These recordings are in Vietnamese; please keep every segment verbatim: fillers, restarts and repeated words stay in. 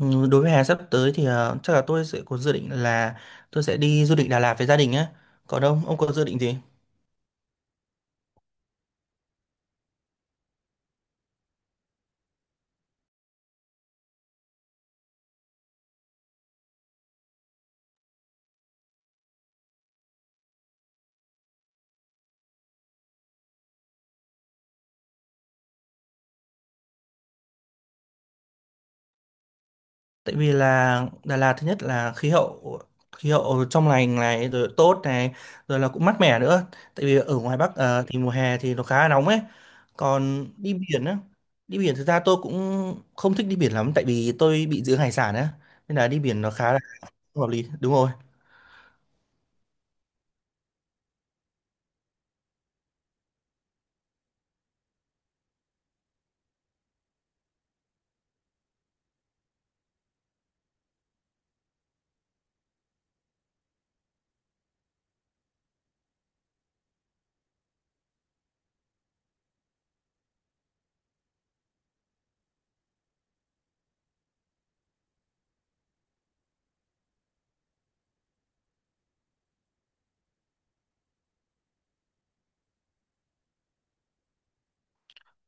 Ừ, đối với hè sắp tới thì ờ, chắc là tôi sẽ có dự định là tôi sẽ đi du lịch Đà Lạt với gia đình á. Còn ông, ông, có dự định gì? Tại vì là Đà Lạt thứ nhất là khí hậu, khí hậu trong lành này, rồi tốt này, rồi là cũng mát mẻ nữa. Tại vì ở ngoài Bắc ờ, thì mùa hè thì nó khá là nóng ấy. Còn đi biển á, đi biển thực ra tôi cũng không thích đi biển lắm tại vì tôi bị giữ hải sản á. Nên là đi biển nó khá là không hợp lý. Đúng rồi.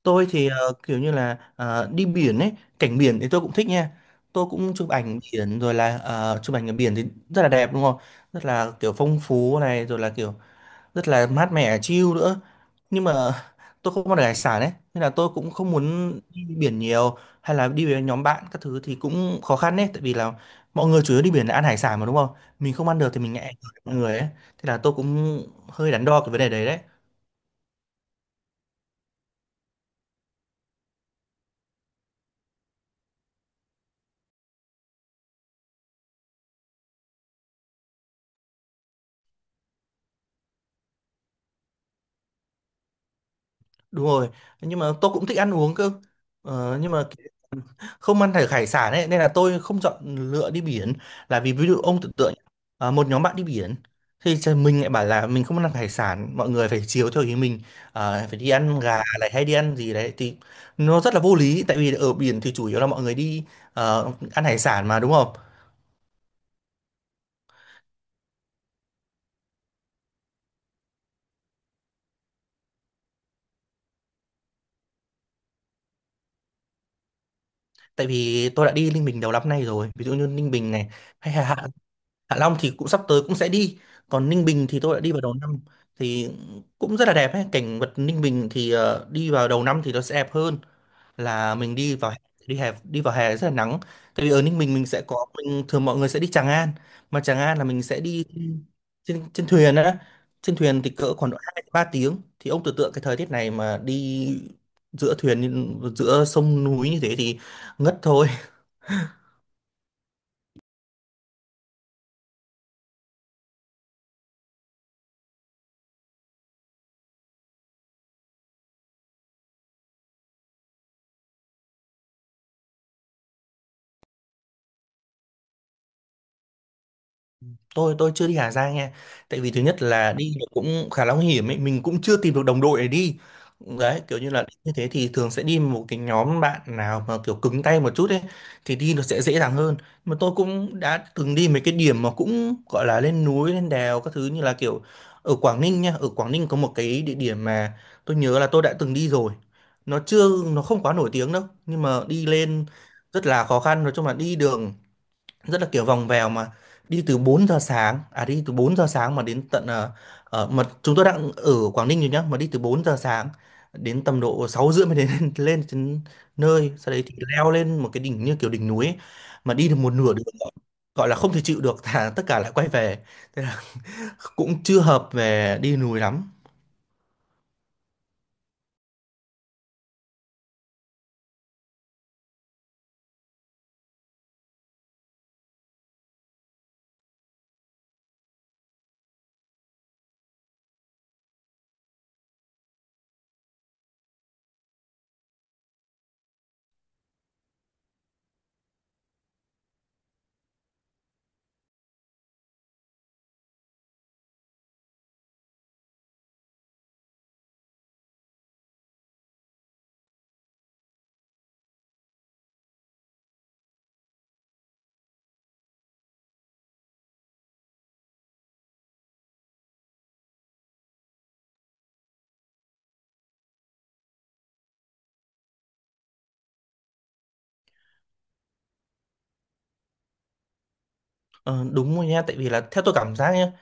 Tôi thì ờ, kiểu như là ờ, đi biển ấy, cảnh biển thì tôi cũng thích nha. Tôi cũng chụp ảnh biển, rồi là ờ, chụp ảnh ở biển thì rất là đẹp đúng không? Rất là kiểu phong phú này, rồi là kiểu rất là mát mẻ chill nữa. Nhưng mà tôi không ăn được hải sản ấy, nên là tôi cũng không muốn đi biển nhiều hay là đi với nhóm bạn các thứ thì cũng khó khăn đấy, tại vì là mọi người chủ yếu đi biển là ăn hải sản mà đúng không? Mình không ăn được thì mình ngại mọi người ấy. Thế là tôi cũng hơi đắn đo cái vấn đề đấy đấy. Đúng rồi, nhưng mà tôi cũng thích ăn uống cơ, ờ, nhưng mà không ăn hải hải sản ấy, nên là tôi không chọn lựa đi biển là vì, ví dụ ông tưởng tượng à, một nhóm bạn đi biển thì trời, mình lại bảo là mình không ăn hải sản, mọi người phải chiều theo ý mình à, phải đi ăn gà này hay đi ăn gì đấy thì nó rất là vô lý, tại vì ở biển thì chủ yếu là mọi người đi ờ, ăn hải sản mà đúng không. Tại vì tôi đã đi Ninh Bình đầu năm nay rồi, ví dụ như Ninh Bình này, hay Hạ Hạ Long thì cũng sắp tới cũng sẽ đi, còn Ninh Bình thì tôi đã đi vào đầu năm thì cũng rất là đẹp ấy. Cảnh vật Ninh Bình thì ờ, đi vào đầu năm thì nó sẽ đẹp hơn là mình đi vào hè. Đi hè, đi vào hè rất là nắng, tại vì ở Ninh Bình mình sẽ có, mình thường mọi người sẽ đi Tràng An, mà Tràng An là mình sẽ đi trên trên thuyền á, trên thuyền thì cỡ khoảng độ hai ba tiếng thì ông tưởng tượng cái thời tiết này mà đi giữa thuyền giữa sông núi như thế thì ngất thôi. Tôi tôi chưa đi Hà Giang nha, tại vì thứ nhất là Ừ. đi nó cũng khá là nguy hiểm ấy, mình cũng chưa tìm được đồng đội để đi. Đấy, kiểu như là đi như thế thì thường sẽ đi một cái nhóm bạn nào mà kiểu cứng tay một chút ấy thì đi nó sẽ dễ dàng hơn. Mà tôi cũng đã từng đi mấy cái điểm mà cũng gọi là lên núi lên đèo các thứ, như là kiểu ở Quảng Ninh nha, ở Quảng Ninh có một cái địa điểm mà tôi nhớ là tôi đã từng đi rồi, nó chưa, nó không quá nổi tiếng đâu, nhưng mà đi lên rất là khó khăn, nói chung là đi đường rất là kiểu vòng vèo, mà đi từ bốn giờ sáng à đi từ bốn giờ sáng mà đến tận ờ, ờ, mà chúng tôi đang ở Quảng Ninh rồi nhá, mà đi từ bốn giờ sáng đến tầm độ sáu rưỡi mới đến, lên đến nơi sau đấy thì leo lên một cái đỉnh như kiểu đỉnh núi ấy. Mà đi được một nửa đường gọi gọi là không thể chịu được, thà tất cả lại quay về, thế là cũng chưa hợp về đi núi lắm. Ờ, đúng rồi nha, tại vì là theo tôi cảm giác nhá,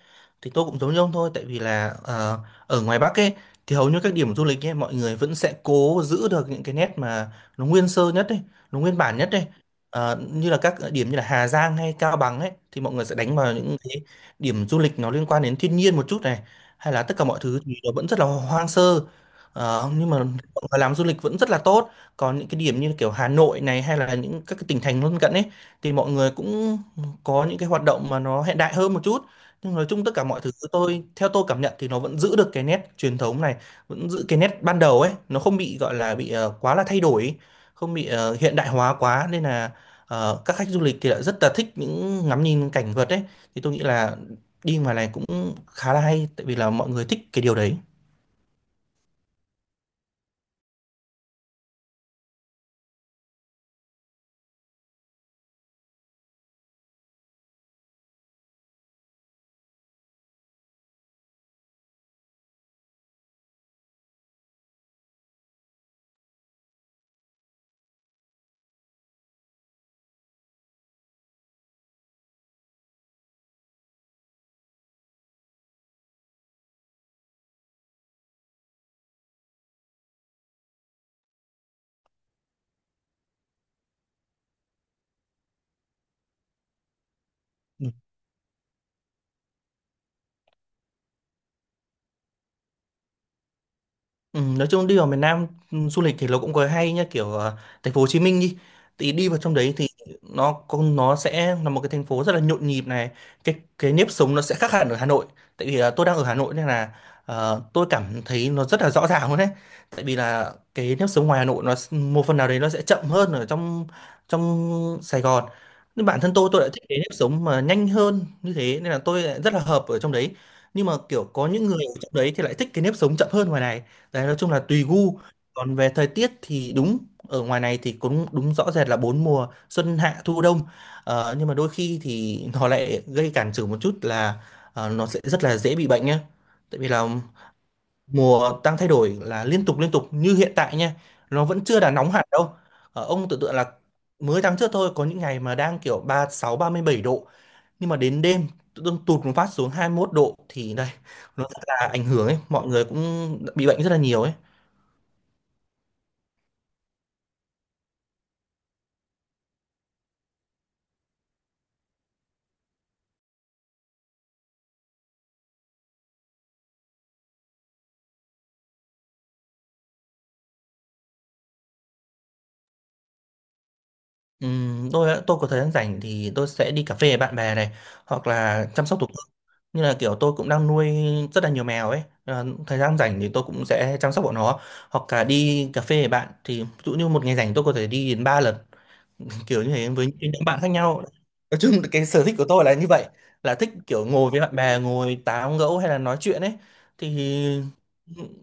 thì tôi cũng giống như ông thôi, tại vì là ờ, ở ngoài Bắc ấy thì hầu như các điểm du lịch ấy mọi người vẫn sẽ cố giữ được những cái nét mà nó nguyên sơ nhất ấy, nó nguyên bản nhất ấy. Ờ, như là các điểm như là Hà Giang hay Cao Bằng ấy thì mọi người sẽ đánh vào những cái điểm du lịch nó liên quan đến thiên nhiên một chút này, hay là tất cả mọi thứ thì nó vẫn rất là hoang sơ. Ờ, nhưng mà mọi người làm du lịch vẫn rất là tốt. Còn những cái điểm như kiểu Hà Nội này, hay là những các cái tỉnh thành lân cận ấy, thì mọi người cũng có những cái hoạt động mà nó hiện đại hơn một chút. Nhưng nói chung tất cả mọi thứ tôi, theo tôi cảm nhận, thì nó vẫn giữ được cái nét truyền thống này, vẫn giữ cái nét ban đầu ấy, nó không bị gọi là bị ờ, quá là thay đổi ấy, không bị ờ, hiện đại hóa quá, nên là ờ, các khách du lịch thì lại rất là thích những ngắm nhìn cảnh vật ấy. Thì tôi nghĩ là đi ngoài này cũng khá là hay, tại vì là mọi người thích cái điều đấy. Ừ. Ừ, nói chung đi vào miền Nam ừ, du lịch thì nó cũng có hay nhá, kiểu ờ, thành phố Hồ Chí Minh đi, thì đi vào trong đấy thì nó con nó sẽ là một cái thành phố rất là nhộn nhịp này, cái cái nếp sống nó sẽ khác hẳn ở Hà Nội, tại vì ờ, tôi đang ở Hà Nội nên là ờ, tôi cảm thấy nó rất là rõ ràng luôn đấy. Tại vì là cái nếp sống ngoài Hà Nội nó s- một phần nào đấy nó sẽ chậm hơn ở trong trong Sài Gòn. Nhưng bản thân tôi tôi lại thích cái nếp sống mà nhanh hơn như thế, nên là tôi lại rất là hợp ở trong đấy. Nhưng mà kiểu có những người ở trong đấy thì lại thích cái nếp sống chậm hơn ngoài này. Đấy, nói chung là tùy gu. Còn về thời tiết thì đúng, ở ngoài này thì cũng đúng rõ rệt là bốn mùa xuân hạ thu đông. Ờ, nhưng mà đôi khi thì nó lại gây cản trở một chút là ờ, nó sẽ rất là dễ bị bệnh nhé. Tại vì là mùa đang thay đổi là liên tục liên tục như hiện tại nha. Nó vẫn chưa là nóng hẳn đâu. Ờ, ông tưởng tượng là mới tháng trước thôi có những ngày mà đang kiểu ba ba sáu ba mươi bảy độ, nhưng mà đến đêm tự dưng tụt một phát xuống hai mươi mốt độ thì đây, nó rất là ảnh hưởng ấy, mọi người cũng bị bệnh rất là nhiều ấy. Ừm, tôi á- tôi có thời gian rảnh thì tôi sẽ đi cà phê với bạn bè này, hoặc là chăm sóc thú cưng, như là kiểu tôi cũng đang nuôi rất là nhiều mèo ấy. Ờ, thời gian rảnh thì tôi cũng sẽ chăm sóc bọn nó, hoặc là đi cà phê với bạn, thì ví dụ như một ngày rảnh tôi có thể đi đến ba lần, kiểu như thế với những nhóm bạn khác nhau. Nói chung là cái sở thích của tôi là như vậy, là thích kiểu ngồi với bạn bè, ngồi tán gẫu hay là nói chuyện ấy, thì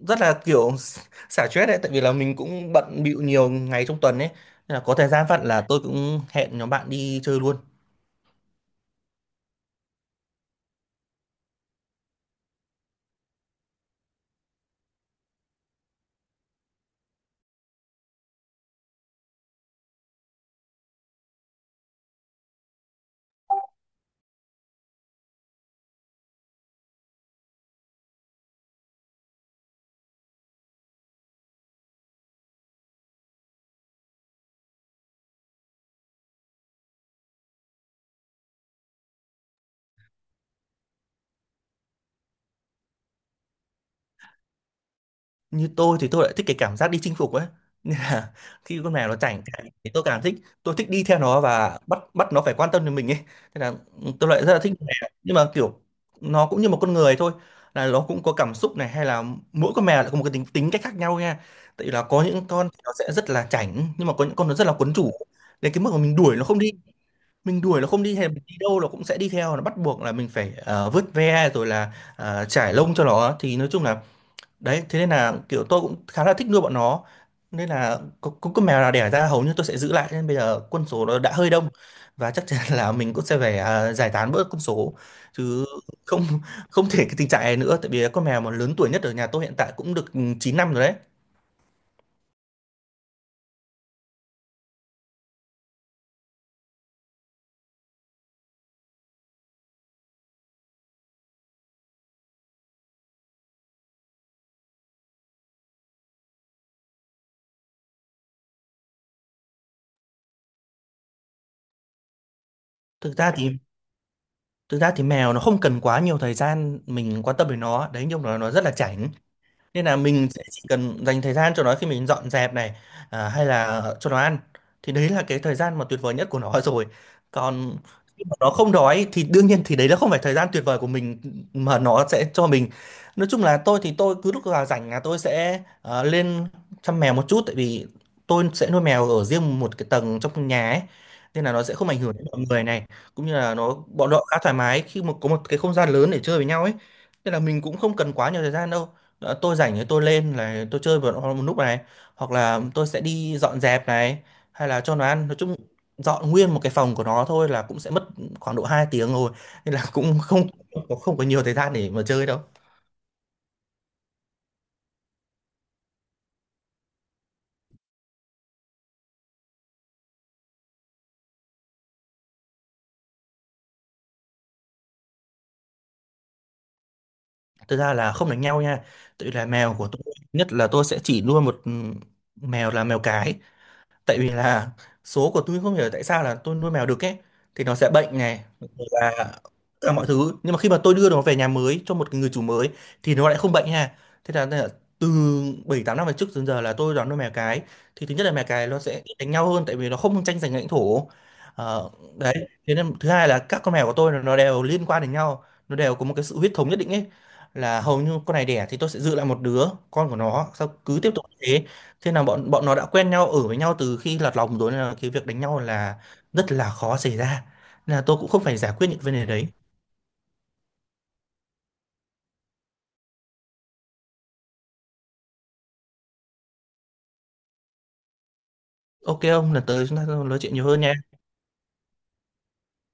rất là kiểu xả stress đấy, tại vì là mình cũng bận bịu nhiều ngày trong tuần ấy, nên là có thời gian phận là tôi cũng hẹn nhóm bạn đi chơi luôn. Như tôi thì tôi lại thích cái cảm giác đi chinh phục ấy, nên là khi con mèo nó chảnh chảnh thì tôi càng thích. Tôi thích đi theo nó và bắt bắt nó phải quan tâm đến mình ấy, thế là ừ, tôi lại rất là thích con mèo, nhưng mà kiểu nó cũng như một con người thôi, là nó cũng có cảm xúc này, hay là mỗi con mèo lại có một cái tính tính cách khác nhau nha. Tại vì là có những con thì nó sẽ rất là chảnh, nhưng mà có những con nó rất là quấn chủ, đến cái mức mà mình đuổi nó không đi, mình đuổi nó không đi, hay là mình đi đâu nó cũng sẽ đi theo, nó bắt buộc là mình phải ờ, vớt ve rồi là ờ, chải lông cho nó, thì nói chung là đấy, thế nên là kiểu tôi cũng khá là thích nuôi bọn nó. Nên là có, có con mèo nào đẻ ra hầu như tôi sẽ giữ lại, nên bây giờ quân số nó đã hơi đông, và chắc chắn là mình cũng sẽ phải à, giải tán bớt quân số chứ không, không thể cái tình trạng này nữa, tại vì con mèo mà lớn tuổi nhất ở nhà tôi hiện tại cũng được ừ, chín năm rồi đấy. thực ra thì Thực ra thì mèo nó không cần quá nhiều thời gian mình quan tâm đến nó đấy, nhưng mà nó rất là chảnh, nên là mình sẽ chỉ cần dành thời gian cho nó khi mình dọn dẹp này, à, hay là cho nó ăn, thì đấy là cái thời gian mà tuyệt vời nhất của nó rồi. Còn khi mà nó không đói thì đương nhiên thì đấy là không phải thời gian tuyệt vời của mình mà nó sẽ cho mình. Nói chung là tôi thì tôi cứ lúc nào rảnh là tôi sẽ ờ, lên chăm mèo một chút, tại vì tôi sẽ nuôi mèo ở riêng một cái tầng trong nhà ấy, nên là nó sẽ không ảnh hưởng đến mọi người này, cũng như là nó bọn họ khá thoải mái khi mà có một cái không gian lớn để chơi với nhau ấy, nên là mình cũng không cần quá nhiều thời gian đâu. Ờ, tôi rảnh thì tôi lên là tôi chơi một, một lúc này, hoặc là tôi sẽ đi dọn dẹp này, hay là cho nó ăn. Nói chung dọn nguyên một cái phòng của nó thôi là cũng sẽ mất khoảng độ hai tiếng rồi, nên là cũng không, không có, không có nhiều thời gian để mà chơi đâu. Thực ra là không đánh nhau nha, tự là mèo của tôi nhất là tôi sẽ chỉ nuôi một ừ, mèo, là mèo cái, tại vì là số của tôi không hiểu tại sao là tôi nuôi mèo đực ấy thì nó sẽ bệnh này, rồi là tất cả mọi thứ, nhưng mà khi mà tôi đưa nó về nhà mới cho một người chủ mới thì nó lại không bệnh ha. Thế là, là từ bảy tám năm về trước đến giờ là tôi đón nuôi mèo cái. Thì thứ nhất là mèo cái nó sẽ ít đánh nhau hơn tại vì nó không tranh giành lãnh thổ. Ờ, đấy, thế nên thứ hai là các con mèo của tôi là nó đều liên quan đến nhau, nó đều có một cái sự huyết thống nhất định ấy, là hầu như con này đẻ thì tôi sẽ giữ lại một đứa, con của nó sau cứ tiếp tục như thế. Thế là bọn bọn nó đã quen nhau, ở với nhau từ khi lọt lòng rồi, nên là cái việc đánh nhau là rất là khó xảy ra. Nên là tôi cũng không phải giải quyết những vấn đề đấy. Ok ông, lần tới chúng ta nói chuyện nhiều hơn nha.